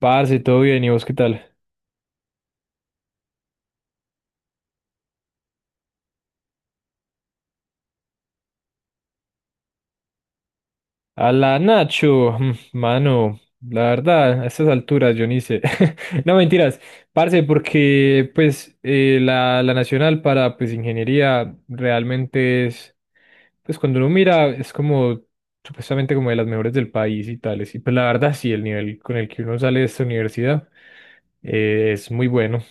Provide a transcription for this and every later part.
Parce, todo bien, ¿y vos qué tal? A la Nacho, mano, la verdad, a estas alturas yo ni sé. No, mentiras, parce, porque pues la nacional para pues ingeniería realmente es, pues cuando uno mira es como supuestamente como de las mejores del país y tales, y pues la verdad sí, el nivel con el que uno sale de esta universidad es muy bueno.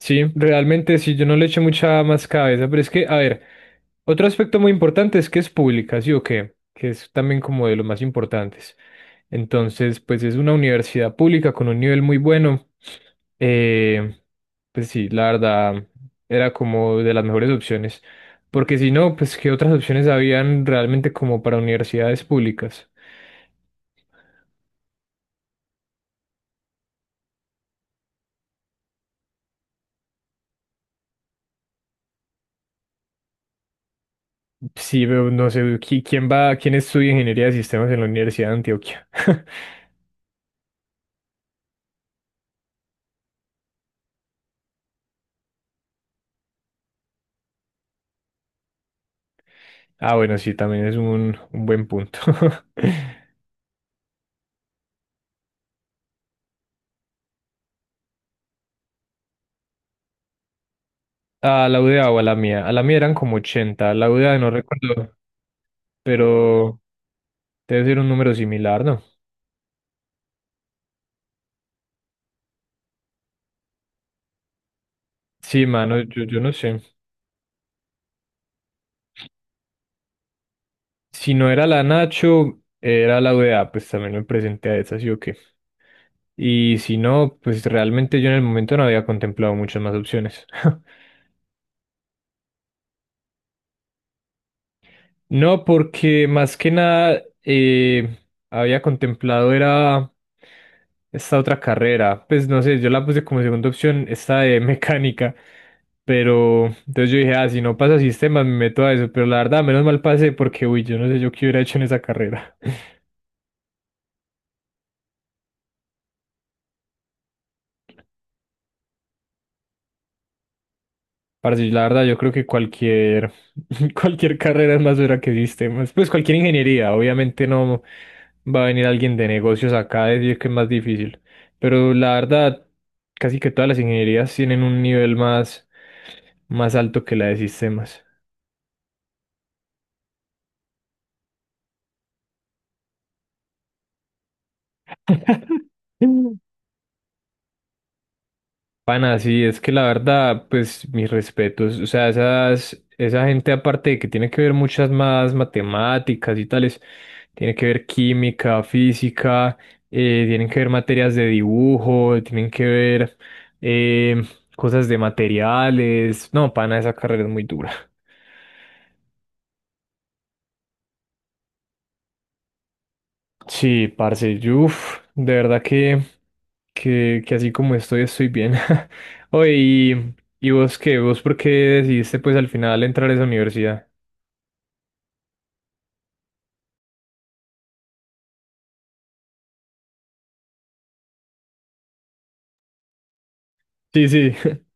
Sí, realmente sí, yo no le eché mucha más cabeza, pero es que, a ver, otro aspecto muy importante es que es pública, ¿sí o qué? Que es también como de los más importantes. Entonces, pues es una universidad pública con un nivel muy bueno. Eh, pues sí, la verdad, era como de las mejores opciones. Porque si no, pues qué otras opciones habían realmente como para universidades públicas. Sí, pero no sé, ¿quién estudia ingeniería de sistemas en la Universidad de Antioquia? Ah, bueno, sí, también es un buen punto. Ah, la UDA o a la mía. A la mía eran como 80, La U UDA no recuerdo, pero debe ser un número similar, ¿no? Sí, mano, yo no sé. Si no era la Nacho, era la U UDA, pues también me presenté a esa, ¿sí o qué? Y si no, pues realmente yo en el momento no había contemplado muchas más opciones. No, porque más que nada había contemplado era esta otra carrera. Pues no sé, yo la puse como segunda opción, esta de mecánica. Pero entonces yo dije, ah, si no pasa sistemas, me meto a eso. Pero la verdad, menos mal pasé porque, uy, yo no sé yo qué hubiera hecho en esa carrera. Parce, la verdad, yo creo que cualquier, cualquier carrera es más dura que sistemas. Pues cualquier ingeniería, obviamente no va a venir alguien de negocios acá a decir que es más difícil. Pero la verdad, casi que todas las ingenierías tienen un nivel más alto que la de sistemas. Pana, sí, es que la verdad, pues mis respetos, o sea, esa gente aparte de que tiene que ver muchas más matemáticas y tales, tiene que ver química, física, tienen que ver materias de dibujo, tienen que ver eh, cosas de materiales, no, pana, esa carrera es muy dura. Sí, parce, uff, de verdad que así como estoy, estoy bien. Oye, ¿y vos qué? ¿Vos por qué decidiste pues al final entrar a esa universidad? Sí, sí.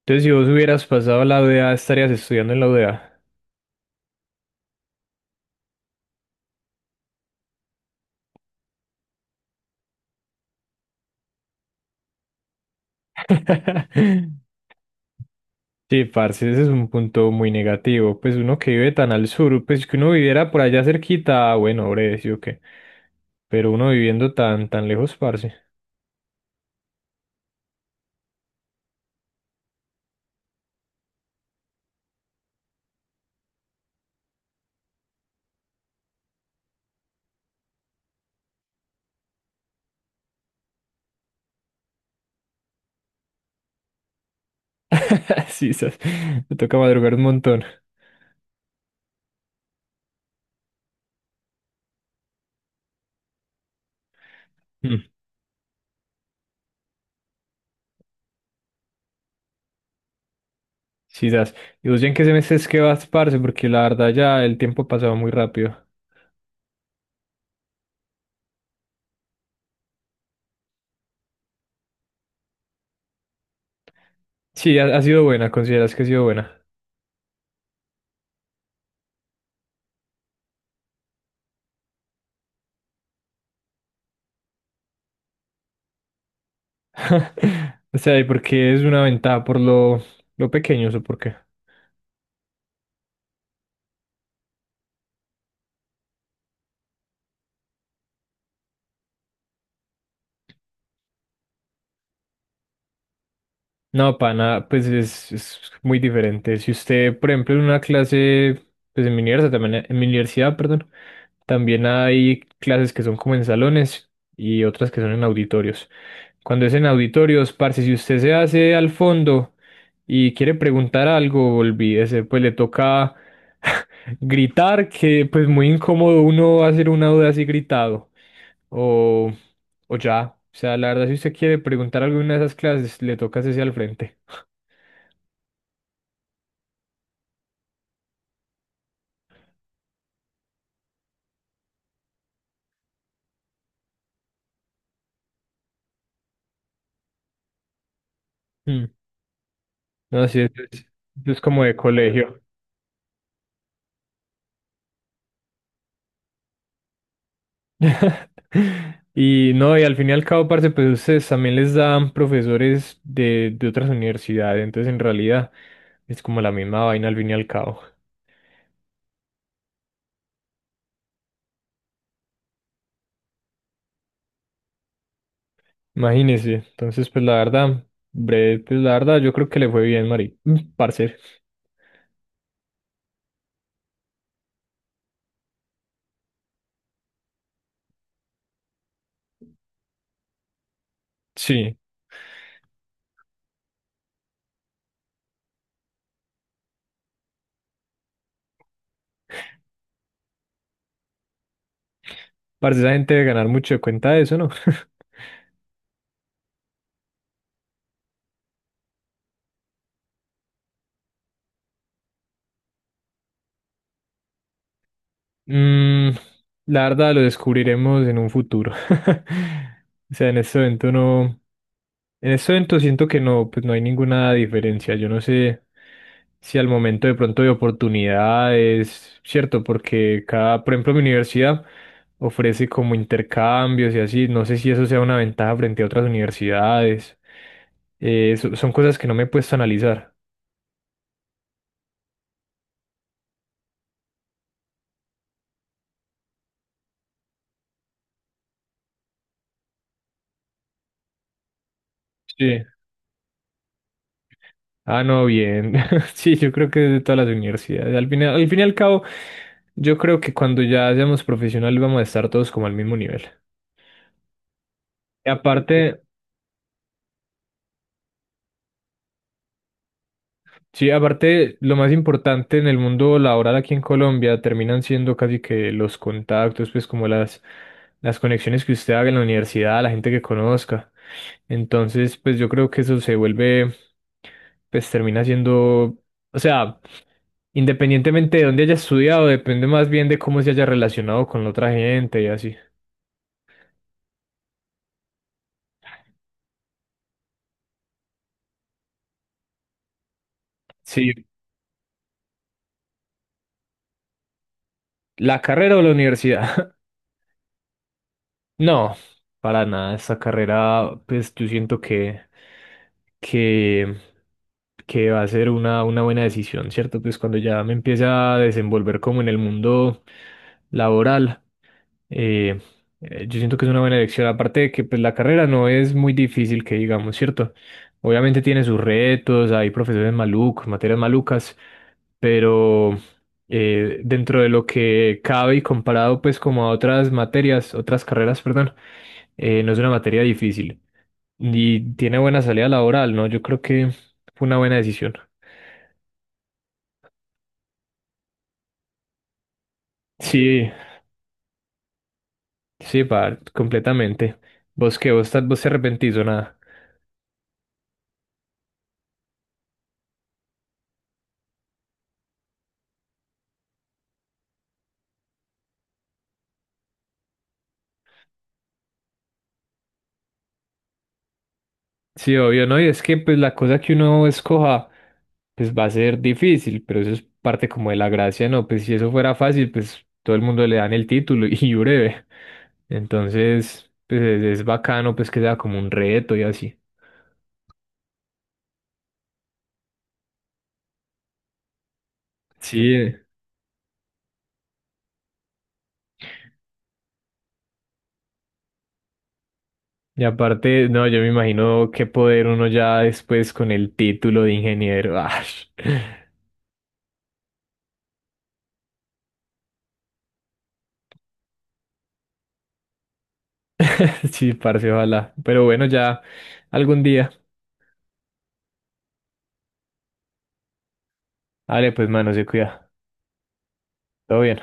Entonces, si vos hubieras pasado la UDA, estarías estudiando en la UDA. Sí, parce, ese es un punto muy negativo. Pues uno que vive tan al sur, pues que uno viviera por allá cerquita, ah, bueno, breve, sí o qué. Pero uno viviendo tan lejos, parce. Sí, sas, me toca madrugar un montón. Sí, das. ¿Y vos ya en qué semestre es que vas, parce? Porque la verdad ya el tiempo ha pasado muy rápido. Sí, ha sido buena, consideras que ha sido buena. O sea, ¿y por qué es una ventaja? ¿Por lo pequeño o por qué? No, pana, pues es muy diferente. Si usted, por ejemplo, en una clase, pues en mi universidad también, en mi universidad, perdón, también hay clases que son como en salones y otras que son en auditorios. Cuando es en auditorios, parce, si usted se hace al fondo y quiere preguntar algo, olvídese, pues le toca gritar, que pues muy incómodo uno hacer una duda así gritado. O o ya, o sea, la verdad, si usted quiere preguntar alguna de esas clases, le toca hacerse al frente. Mm. No, sí, eso es como de colegio. Y no, y al fin y al cabo, parce, pues ustedes también les dan profesores de otras universidades, entonces en realidad es como la misma vaina al fin y al cabo. Imagínese, entonces pues la verdad, breve, pues la verdad yo creo que le fue bien, Mari, parce. Sí, parce, esa gente debe ganar mucho de cuenta de eso, ¿no? Mm, la verdad lo descubriremos en un futuro. O sea, en este evento no. En este evento siento que no, pues no hay ninguna diferencia. Yo no sé si al momento de pronto de oportunidades, cierto, porque cada, por ejemplo, mi universidad ofrece como intercambios y así. No sé si eso sea una ventaja frente a otras universidades. Son cosas que no me he puesto a analizar. Sí. Ah, no, bien. Sí, yo creo que de todas las universidades. Al final, al fin y al cabo. Yo creo que cuando ya seamos profesionales vamos a estar todos como al mismo nivel. Y aparte, sí, aparte, lo más importante en el mundo laboral aquí en Colombia terminan siendo casi que los contactos, pues como las conexiones que usted haga en la universidad, la gente que conozca. Entonces, pues yo creo que eso se vuelve, pues termina siendo, o sea, independientemente de dónde haya estudiado, depende más bien de cómo se haya relacionado con la otra gente y así. Sí, la carrera o la universidad. No, para nada. Esta carrera, pues yo siento que, que va a ser una buena decisión, ¿cierto? Pues cuando ya me empiece a desenvolver como en el mundo laboral, eh, yo siento que es una buena elección, aparte de que pues, la carrera no es muy difícil, que digamos, ¿cierto? Obviamente tiene sus retos, hay profesores malucos, materias malucas, pero dentro de lo que cabe y comparado pues como a otras materias, otras carreras, perdón, no es una materia difícil y tiene buena salida laboral, ¿no? Yo creo que fue una buena decisión. Sí, sí, par, completamente. ¿Vos qué? ¿Vos, vos te arrepentís o nada? Sí, obvio, ¿no? Y es que pues la cosa que uno escoja pues va a ser difícil, pero eso es parte como de la gracia, ¿no? Pues si eso fuera fácil, pues todo el mundo le dan el título y breve. Entonces, pues es bacano pues que sea como un reto y así. Sí, y aparte, no, yo me imagino qué poder uno ya después con el título de ingeniero. Ash. Sí, parce, ojalá. Pero bueno, ya algún día. Vale, pues mano, se cuida. Todo bien.